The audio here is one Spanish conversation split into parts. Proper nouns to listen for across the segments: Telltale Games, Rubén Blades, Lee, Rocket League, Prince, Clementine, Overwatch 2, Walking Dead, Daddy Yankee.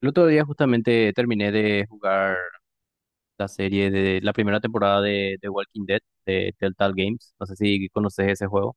El otro día justamente terminé de jugar la serie de la primera temporada de Walking Dead de Telltale Games. No sé si conoces ese juego.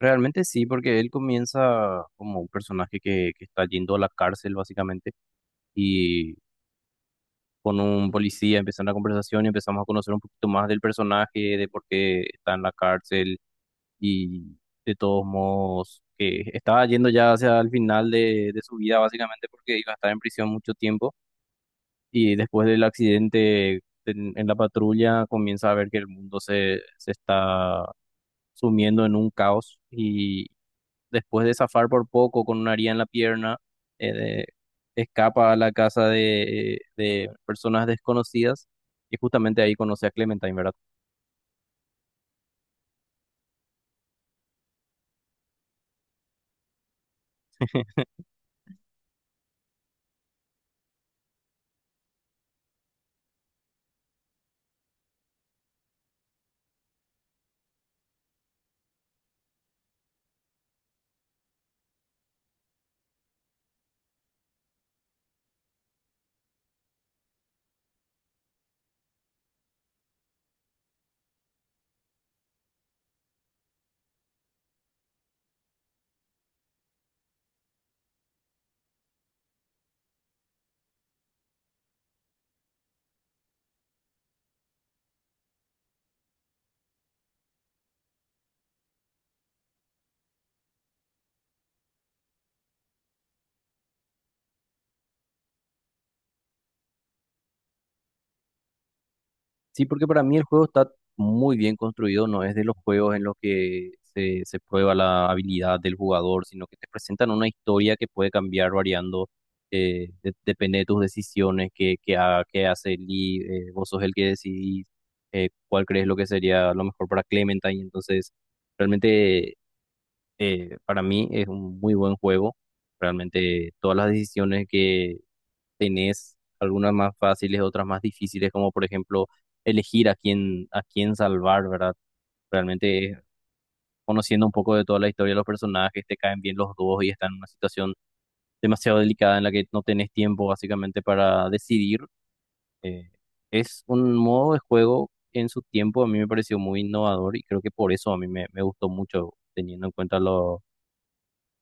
Realmente sí, porque él comienza como un personaje que está yendo a la cárcel básicamente y con un policía empieza una conversación y empezamos a conocer un poquito más del personaje, de por qué está en la cárcel y de todos modos que estaba yendo ya hacia el final de su vida básicamente porque iba a estar en prisión mucho tiempo. Y después del accidente en la patrulla comienza a ver que el mundo se está sumiendo en un caos y después de zafar por poco con una haría en la pierna, eh, de- escapa a la casa de personas desconocidas y justamente ahí conoce a Clementine, ¿verdad? Sí, porque para mí el juego está muy bien construido, no es de los juegos en los que se prueba la habilidad del jugador, sino que te presentan una historia que puede cambiar variando, depende de tus decisiones, qué hace Lee. Vos sos el que decidís cuál crees lo que sería lo mejor para Clementine, entonces realmente, para mí es un muy buen juego. Realmente todas las decisiones, tenés algunas más fáciles, otras más difíciles, como por ejemplo elegir a quién salvar, ¿verdad? Realmente, conociendo un poco de toda la historia de los personajes, te caen bien los dos y están en una situación demasiado delicada en la que no tenés tiempo básicamente para decidir. Eh, es un modo de juego en su tiempo a mí me pareció muy innovador y creo que por eso a mí me gustó mucho, teniendo en cuenta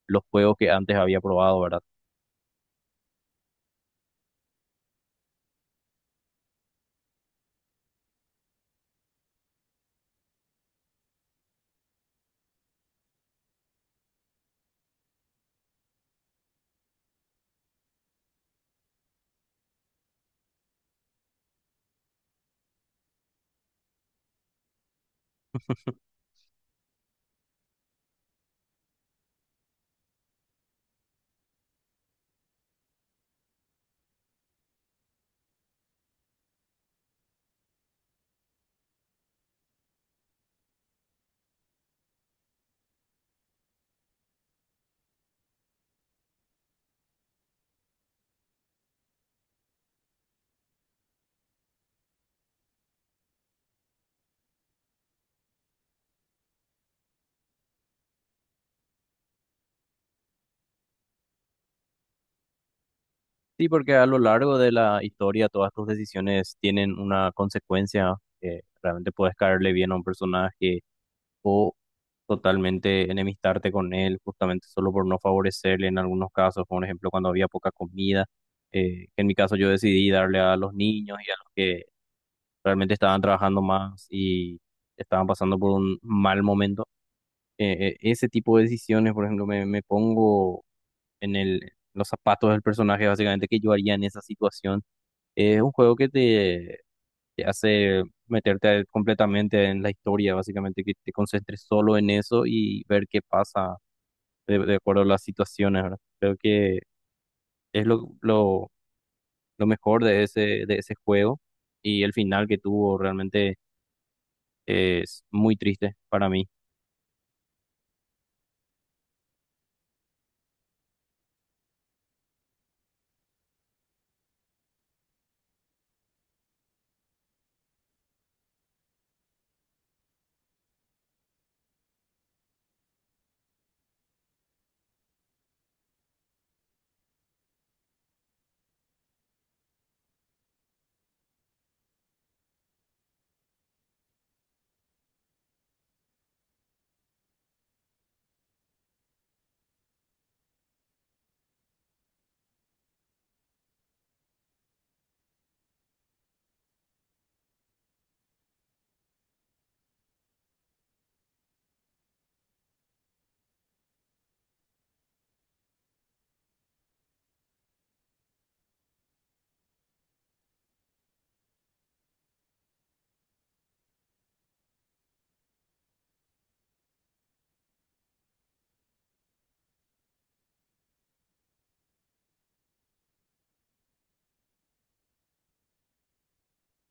los juegos que antes había probado, ¿verdad? Sí, porque a lo largo de la historia todas tus decisiones tienen una consecuencia, que realmente puedes caerle bien a un personaje o totalmente enemistarte con él justamente solo por no favorecerle en algunos casos, por ejemplo cuando había poca comida, que en mi caso yo decidí darle a los niños y a los que realmente estaban trabajando más y estaban pasando por un mal momento. Ese tipo de decisiones, por ejemplo, me pongo en los zapatos del personaje, básicamente, que yo haría en esa situación. Es un juego que te hace meterte completamente en la historia, básicamente, que te concentres solo en eso y ver qué pasa de acuerdo a las situaciones, ¿verdad? Creo que es lo mejor de de ese juego, y el final que tuvo realmente es muy triste para mí.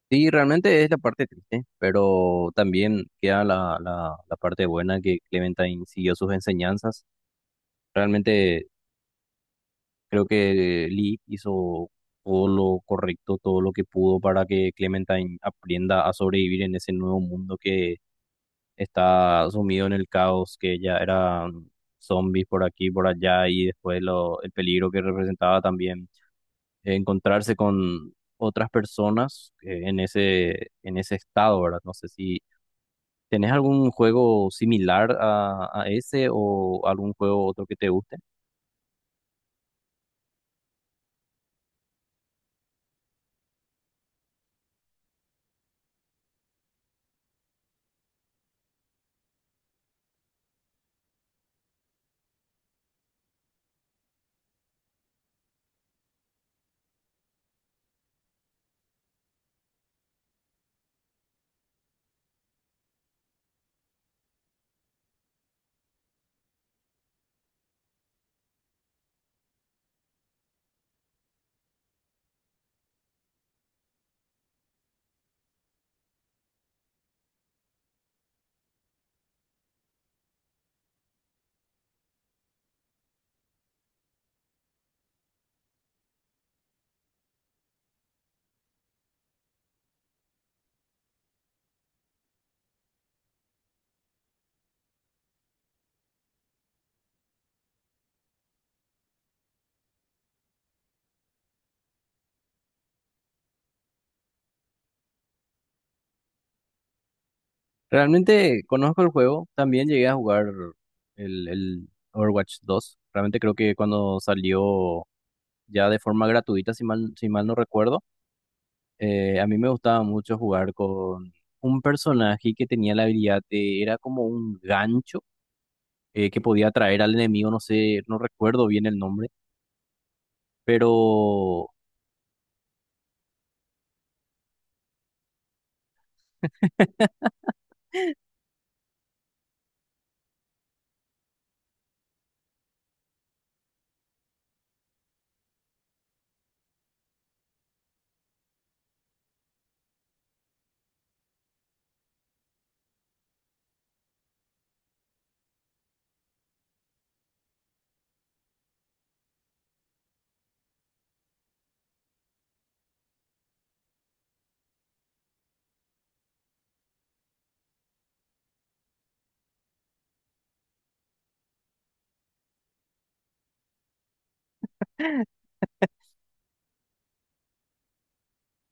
Sí, realmente es la parte triste, pero también queda la parte buena que Clementine siguió sus enseñanzas. Realmente creo que Lee hizo todo lo correcto, todo lo que pudo para que Clementine aprenda a sobrevivir en ese nuevo mundo que está sumido en el caos, que ya eran zombies por aquí, por allá, y después el peligro que representaba también, encontrarse con otras personas en en ese estado, ¿verdad? No sé si tenés algún juego similar a ese o algún juego otro que te guste. Realmente conozco el juego, también llegué a jugar el Overwatch 2. Realmente creo que cuando salió ya de forma gratuita, si mal no recuerdo, a mí me gustaba mucho jugar con un personaje que tenía la habilidad de, era como un gancho que podía atraer al enemigo, no sé, no recuerdo bien el nombre, pero...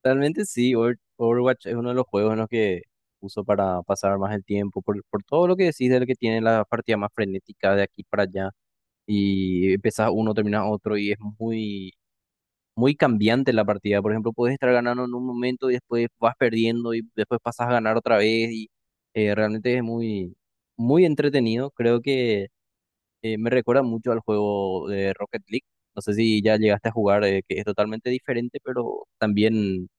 Realmente sí, Overwatch es uno de los juegos en los que uso para pasar más el tiempo, por todo lo que decís, de lo que tiene la partida más frenética de aquí para allá, y empezás uno, terminas otro, y es muy, muy cambiante la partida. Por ejemplo, puedes estar ganando en un momento y después vas perdiendo y después pasas a ganar otra vez, y realmente es muy, muy entretenido. Creo que, me recuerda mucho al juego de Rocket League. No sé si ya llegaste a jugar, que es totalmente diferente, pero también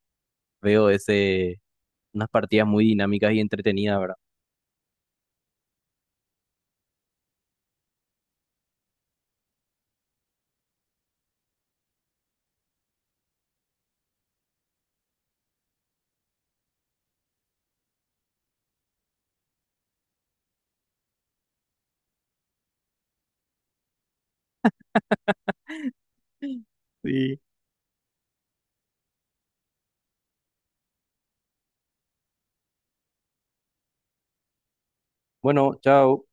veo ese, unas partidas muy dinámicas y entretenidas, ¿verdad? Sí. Bueno, chao.